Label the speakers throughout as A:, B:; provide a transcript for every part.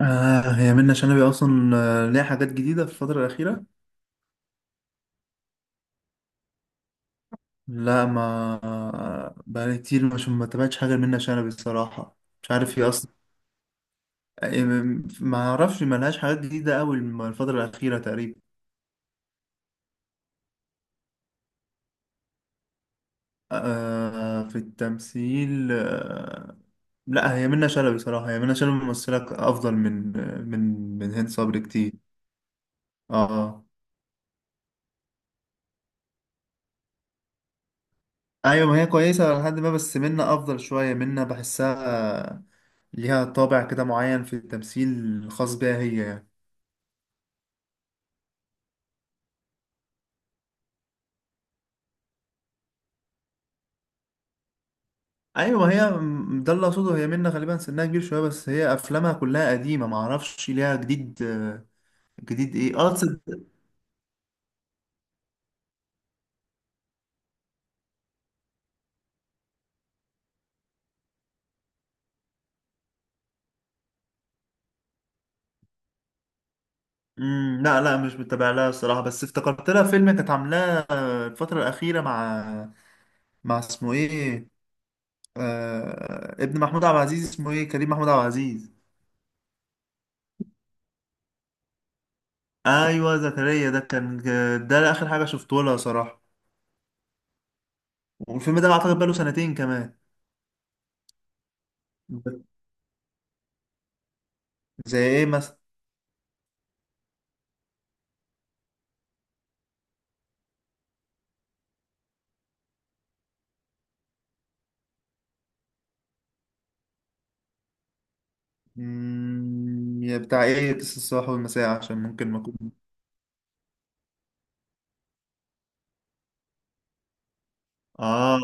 A: آه، هي منة شلبي أصلا، ليها حاجات جديدة في الفترة الأخيرة. لا، ما... بقالي كتير مش ما تابعتش حاجة لمنة شلبي الصراحة. مش عارف هي أصلا. ما أعرفش ما لهاش حاجات جديدة أوي الفترة الأخيرة تقريبا. آه، في التمثيل، آه. لا، هي منة شلبي صراحة، هي منة شلبي ممثلة أفضل من من هند صبري كتير. آه. ايوه، ما هي كويسه لحد ما، بس منا افضل شويه، منا بحسها ليها طابع كده معين في التمثيل خاص بيها هي يعني. ايوه، ما هي ده اللي اقصده، هي منا غالبا سنها كبير شويه، بس هي افلامها كلها قديمه، ما اعرفش ليها جديد. جديد ايه، اه، لا، لا، مش متابع لها الصراحه، بس افتكرت لها فيلم كانت عاملاه الفتره الاخيره مع اسمه ايه، آه، ابن محمود عبد العزيز اسمه ايه، كريم محمود عبد العزيز. ايوه، زكريا ده كان، ده اخر حاجه شفته لها صراحه. والفيلم ده اعتقد بقاله سنتين كمان. زي ايه مثلا؟ يا بتاع ايه، قصة الصباح والمساء عشان ممكن ما اكون... اه،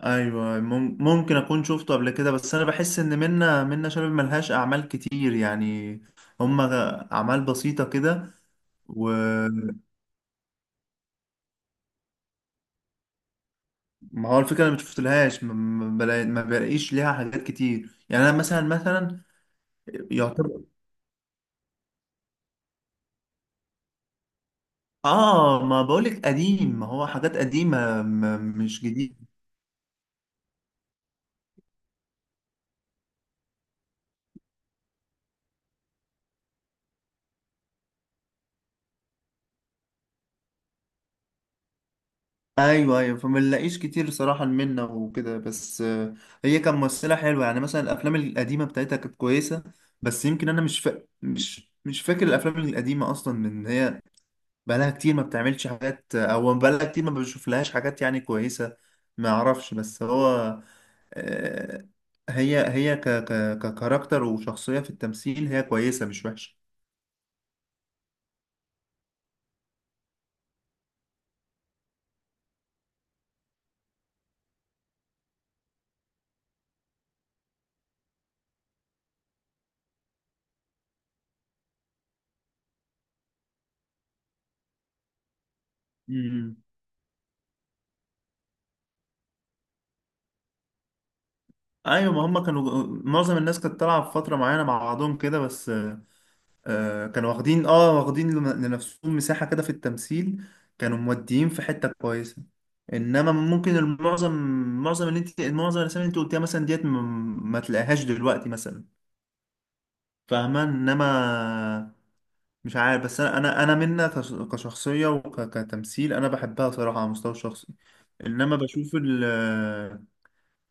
A: ايوه، ممكن اكون شفته قبل كده، بس انا بحس ان منا شلبي ملهاش اعمال كتير يعني، هما اعمال بسيطه كده. وما... هو الفكره انا ما شفتلهاش، ما بلاقيش ليها حاجات كتير يعني، انا مثلا مثلا. اه، ما بقولك قديم، ما هو حاجات قديمة، مش جديد. ايوه، ايوه، فما نلاقيش كتير صراحة منا وكده بس. هي كان ممثلة حلوة يعني، مثلا الافلام القديمة بتاعتها كانت كويسة. بس يمكن انا مش فاكر الافلام القديمة اصلا من هي. بقالها كتير ما بتعملش حاجات، او بقالها كتير ما بشوف لهاش حاجات يعني كويسة. ما اعرفش، بس هو آه، هي ككاركتر وشخصية في التمثيل، هي كويسة مش وحشة. ايوه، ما هم كانوا، معظم الناس كانت طالعه في فتره معينه مع بعضهم كده بس. آه، كانوا واخدين لنفسهم مساحه كده في التمثيل، كانوا موديين في حته كويسه. انما ممكن المعظم، معظم الاسامي اللي انت قلتيها مثلا ديت ما تلاقيهاش دلوقتي مثلا. فاهمه، انما... مش عارف، بس انا منا كشخصيه وكتمثيل انا بحبها صراحه على المستوى الشخصي. انما بشوف ال...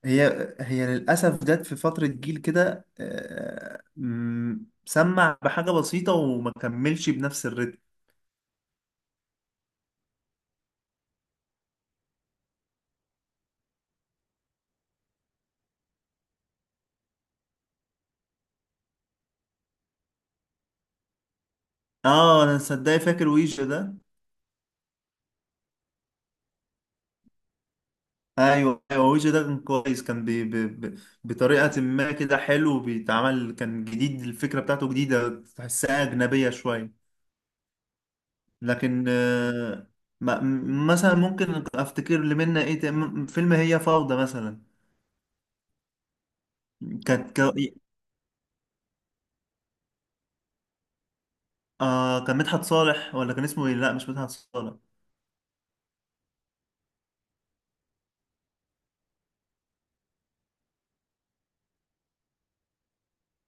A: هي للأسف جت في فترة جيل كده، سمع بحاجة بسيطة وما كملش بنفس الريتم. اه، انا صدقني فاكر ويجا ده. ايوه، ايوه، ويجا ده كان كويس، كان بي بي بي بطريقة ما كده حلو بيتعمل، كان جديد، الفكرة بتاعته جديدة تحسها أجنبية شوية. لكن مثلا ممكن افتكر اللي منا ايه، فيلم هي فوضى مثلا. كانت آه، كان مدحت صالح ولا كان اسمه ايه، لا مش مدحت صالح.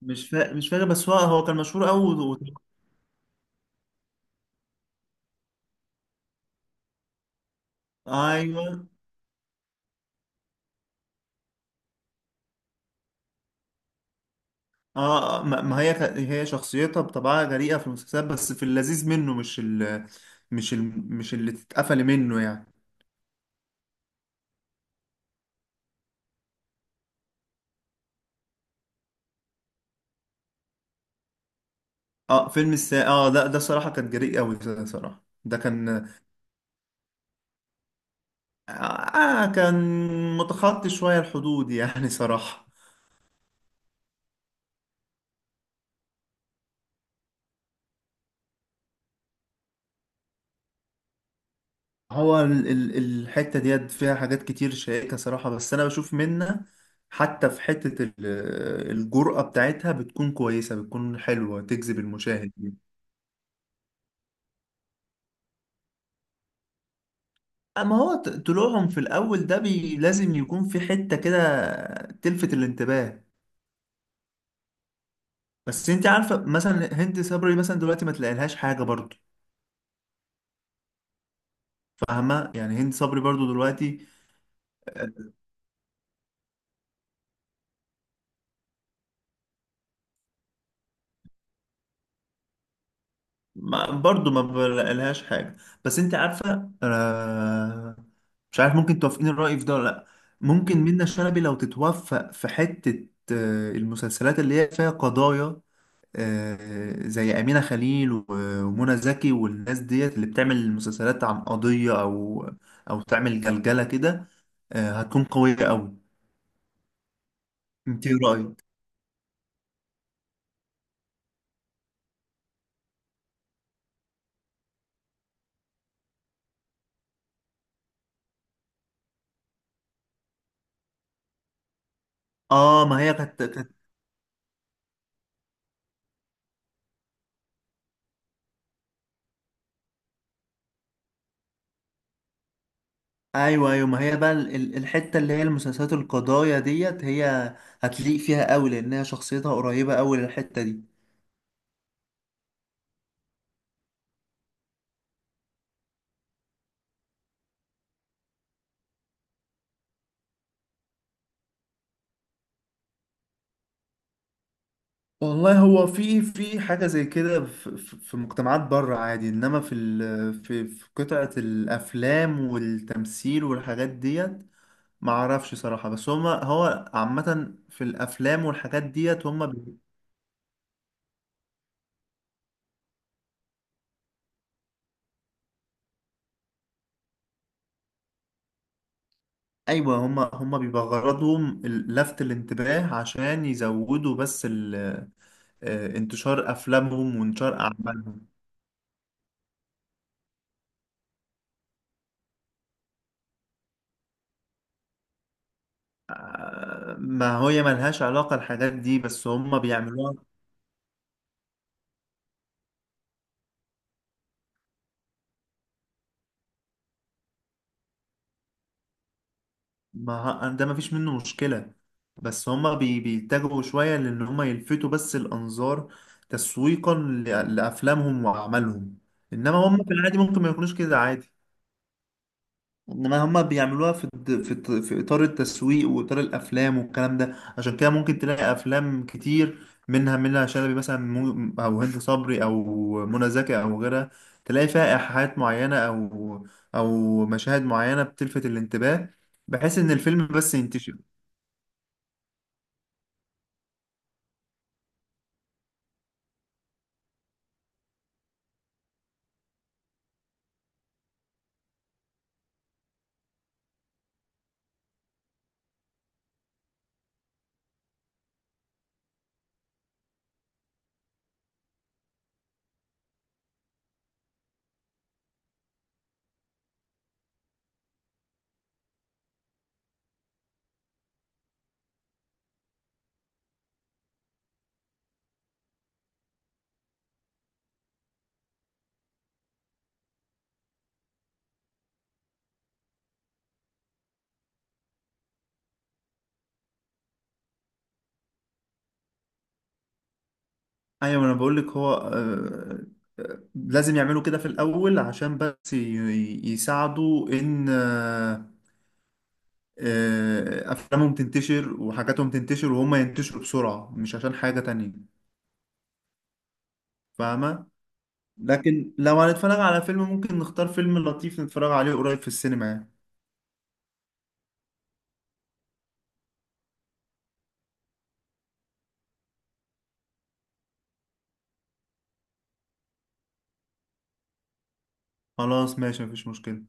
A: مش فاكر، بس هو كان مشهور قوي و... ايوه. اه، ما هي هي شخصيتها بطبعها جريئة في المسلسلات، بس في اللذيذ منه، مش اللي تتقفل منه يعني. اه، فيلم السا اه ده صراحة كان جريء قوي، ده صراحة ده كان. كان متخطي شوية الحدود يعني صراحة. هو الحتة ديت فيها حاجات كتير شائكة صراحة، بس أنا بشوف منها حتى في حتة الجرأة بتاعتها بتكون كويسة، بتكون حلوة تجذب المشاهد. أما هو طلوعهم في الأول ده لازم يكون في حتة كده تلفت الانتباه. بس أنت عارفة مثلا هند صبري مثلا دلوقتي ما تلاقيلهاش حاجة برضو. فاهمة يعني، هند صبري برضو دلوقتي ما برضو ما بلاقيلهاش حاجة. بس انت عارفة، آه. مش عارف، ممكن توافقين الرأي في ده ولا لأ؟ ممكن منة شلبي لو تتوفق في حتة المسلسلات اللي هي فيها قضايا، آه، زي أمينة خليل ومنى زكي والناس ديت اللي بتعمل مسلسلات عن قضية، أو أو تعمل جلجلة كده، آه، هتكون قوية أوي. انت إيه رأيك؟ اه، ما هي كانت. ايوه، ايوه، ما هي بقى الحته اللي هي المسلسلات القضايا ديت، هي هتليق فيها قوي لانها شخصيتها قريبه قوي للحته دي. والله، هو في حاجة زي كده في مجتمعات بره عادي، إنما في في قطعة الأفلام والتمثيل والحاجات ديت معرفش صراحة، بس هما، هو عامة في الأفلام والحاجات ديت هما بي... أيوة، هما بيبقى غرضهم لفت الانتباه عشان يزودوا بس انتشار افلامهم وانتشار اعمالهم. ما هي ملهاش علاقة الحاجات دي، بس هم بيعملوها. ما ه- ده ما فيش منه مشكلة، بس هم بيتجهوا شوية لان هم يلفتوا بس الانظار تسويقا لافلامهم واعمالهم. انما هم في العادي ممكن ما يكونوش كده عادي. انما هما بيعملوها في الد- في الط- في اطار التسويق واطار الافلام والكلام ده، عشان كده ممكن تلاقي افلام كتير منها شلبي مثلا، او هند صبري او منى زكي او غيرها، تلاقي فيها ايحاءات معينه او او مشاهد معينه بتلفت الانتباه بحيث ان الفيلم بس ينتشر. ايوه، انا بقول لك، هو. لازم يعملوا كده في الاول عشان بس يساعدوا ان. افلامهم تنتشر وحاجاتهم تنتشر وهم ينتشروا بسرعة مش عشان حاجة تانية. فاهمة؟ لكن لو هنتفرج على فيلم ممكن نختار فيلم لطيف نتفرج عليه قريب في السينما يعني. خلاص، ماشي، مفيش مشكلة.